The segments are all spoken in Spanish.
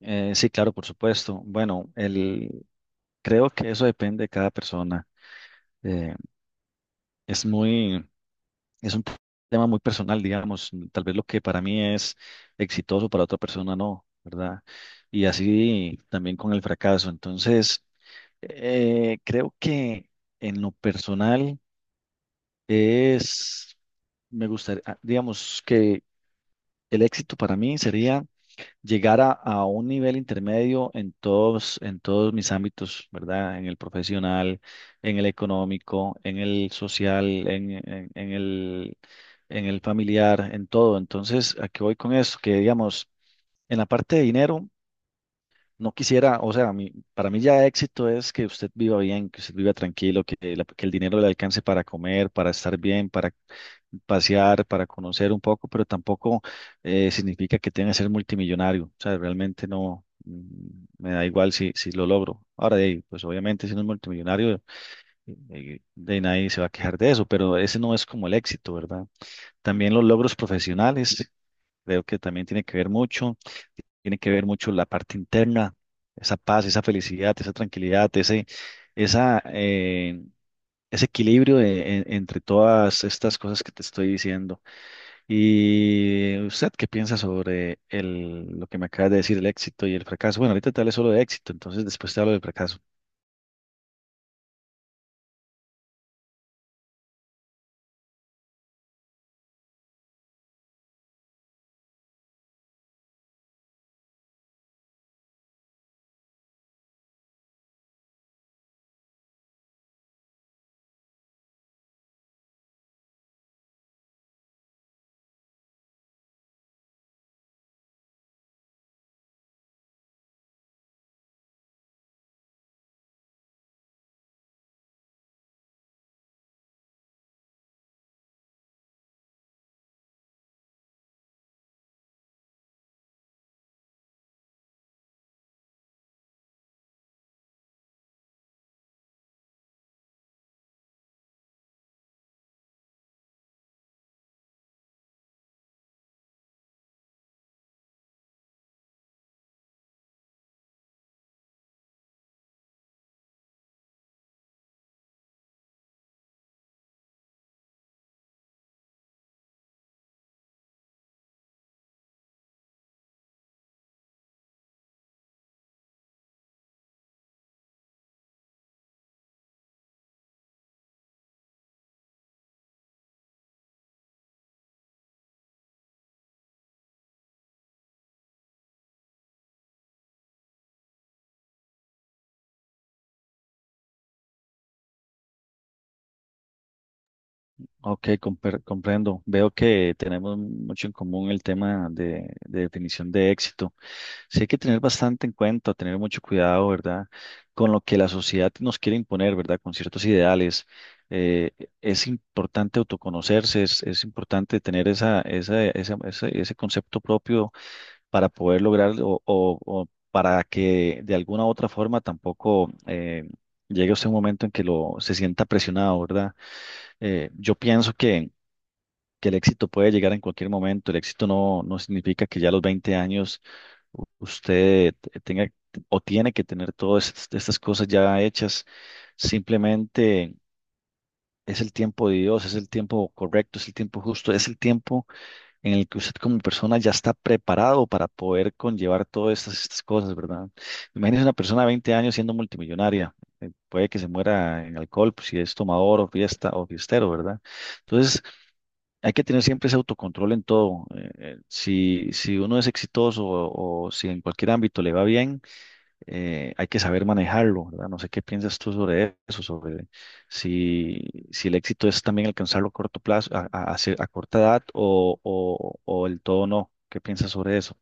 Sí, claro, por supuesto. Bueno, creo que eso depende de cada persona. Eh, es muy, es un tema muy personal, digamos. Tal vez lo que para mí es exitoso, para otra persona no, ¿verdad? Y así también con el fracaso. Entonces, creo que en lo personal es, me gustaría, digamos que el éxito para mí sería llegar a un nivel intermedio en todos mis ámbitos, ¿verdad? En el profesional, en el económico, en el social, en el familiar, en todo. Entonces, ¿a qué voy con eso? Que digamos, en la parte de dinero, no quisiera, o sea, para mí ya éxito es que usted viva bien, que usted viva tranquilo, que el dinero le alcance para comer, para estar bien, para pasear, para conocer un poco, pero tampoco significa que tenga que ser multimillonario. O sea, realmente no, me da igual si lo logro. Ahora, de ahí, pues obviamente si no es multimillonario, de ahí nadie se va a quejar de eso, pero ese no es como el éxito, ¿verdad? También los logros profesionales. Creo que también tiene que ver mucho la parte interna, esa paz, esa felicidad, esa tranquilidad, esa, eh, ese equilibrio entre todas estas cosas que te estoy diciendo. ¿Y usted qué piensa sobre el, lo que me acabas de decir, el éxito y el fracaso? Bueno, ahorita te hablé solo de éxito, entonces después te hablo del fracaso. Ok, comprendo. Veo que tenemos mucho en común el tema de definición de éxito. Sí hay que tener bastante en cuenta, tener mucho cuidado, ¿verdad? Con lo que la sociedad nos quiere imponer, ¿verdad? Con ciertos ideales. Eh, es importante autoconocerse, es importante tener ese concepto propio para poder lograr o para que de alguna u otra forma tampoco llegue usted un momento en que lo, se sienta presionado, ¿verdad? Yo pienso que el éxito puede llegar en cualquier momento. El éxito no, no significa que ya a los 20 años tenga o tiene que tener todas estas cosas ya hechas. Simplemente es el tiempo de Dios, es el tiempo correcto, es el tiempo justo, es el tiempo en el que usted como persona ya está preparado para poder conllevar todas estas, estas cosas, ¿verdad? Imagínese una persona de 20 años siendo multimillonaria. Puede que se muera en alcohol, pues, si es tomador o fiesta o fiestero, ¿verdad? Entonces, hay que tener siempre ese autocontrol en todo. Si, si uno es exitoso o si en cualquier ámbito le va bien, hay que saber manejarlo, ¿verdad? No sé qué piensas tú sobre eso, sobre si, si el éxito es también alcanzarlo a corto plazo, a a corta edad o el todo no. ¿Qué piensas sobre eso?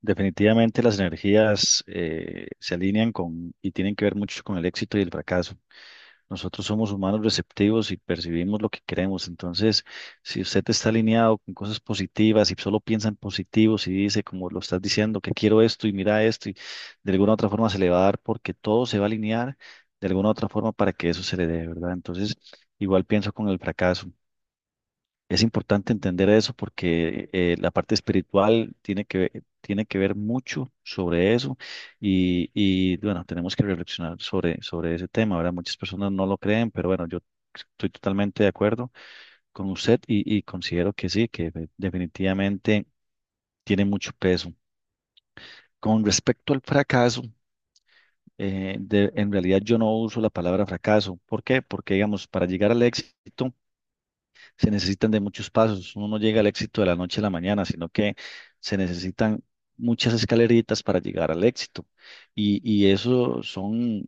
Definitivamente las energías se alinean con y tienen que ver mucho con el éxito y el fracaso. Nosotros somos humanos receptivos y percibimos lo que queremos. Entonces, si usted está alineado con cosas positivas y solo piensa en positivo, si dice, como lo estás diciendo, que quiero esto y mira esto, y de alguna u otra forma se le va a dar porque todo se va a alinear de alguna u otra forma para que eso se le dé, ¿verdad? Entonces, igual pienso con el fracaso. Es importante entender eso porque la parte espiritual tiene que ver mucho sobre eso y, bueno, tenemos que reflexionar sobre, sobre ese tema, ¿verdad? Muchas personas no lo creen, pero bueno, yo estoy totalmente de acuerdo con usted y considero que sí, que definitivamente tiene mucho peso. Con respecto al fracaso, en realidad yo no uso la palabra fracaso. ¿Por qué? Porque digamos, para llegar al éxito se necesitan de muchos pasos. Uno no llega al éxito de la noche a la mañana, sino que se necesitan muchas escaleritas para llegar al éxito. Y eso son,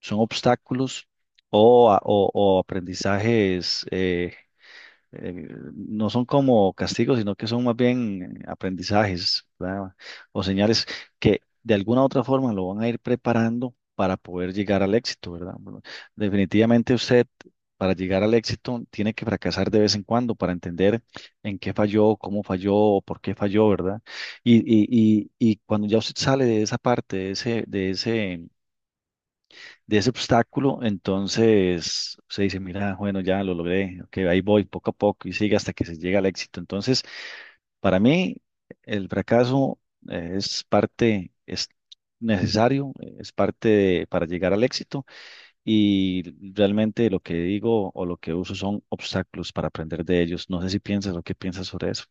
son obstáculos o aprendizajes. Eh, no son como castigos, sino que son más bien aprendizajes, ¿verdad? O señales que de alguna u otra forma lo van a ir preparando para poder llegar al éxito, ¿verdad? Bueno, definitivamente usted, para llegar al éxito, tiene que fracasar de vez en cuando para entender en qué falló, cómo falló, o por qué falló, ¿verdad? Y cuando ya usted sale de esa parte, de ese obstáculo, entonces se dice, mira, bueno, ya lo logré, ok, ahí voy poco a poco y sigue hasta que se llega al éxito. Entonces, para mí, el fracaso es parte, es necesario, es parte para llegar al éxito y realmente lo que digo o lo que uso son obstáculos para aprender de ellos. No sé si piensas o qué piensas sobre eso.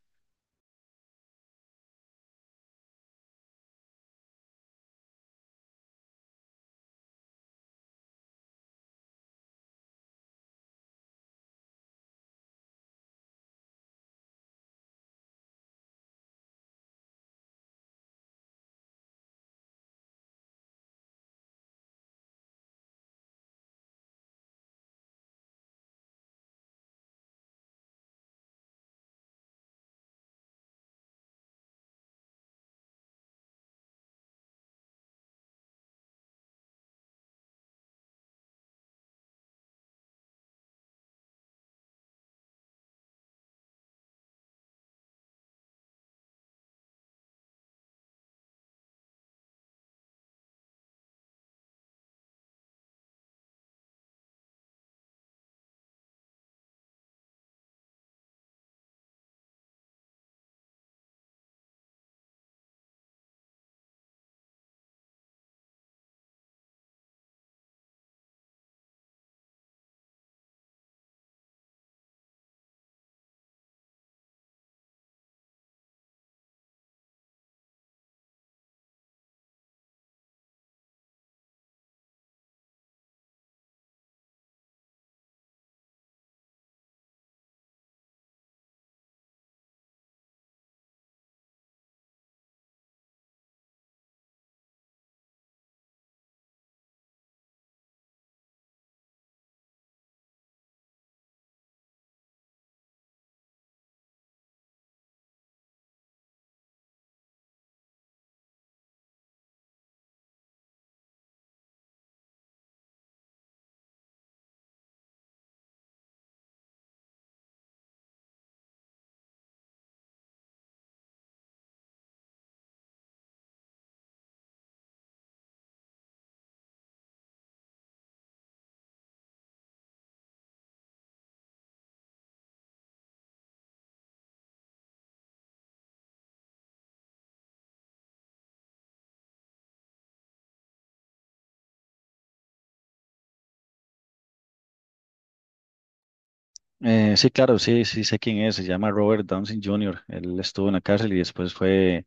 Sí, claro, sí sé quién es. Se llama Robert Downey Jr. Él estuvo en la cárcel y después fue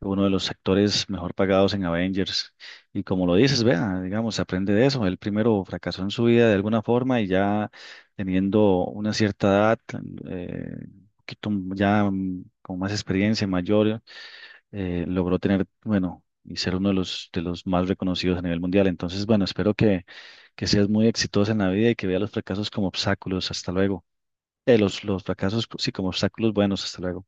uno de los actores mejor pagados en Avengers. Y como lo dices, vea, digamos, aprende de eso. Él primero fracasó en su vida de alguna forma y ya teniendo una cierta edad, un poquito ya con más experiencia, mayor, logró tener, bueno, y ser uno de los más reconocidos a nivel mundial. Entonces, bueno, espero que seas muy exitosa en la vida y que veas los fracasos como obstáculos. Hasta luego. Los fracasos, sí, como obstáculos buenos. Hasta luego.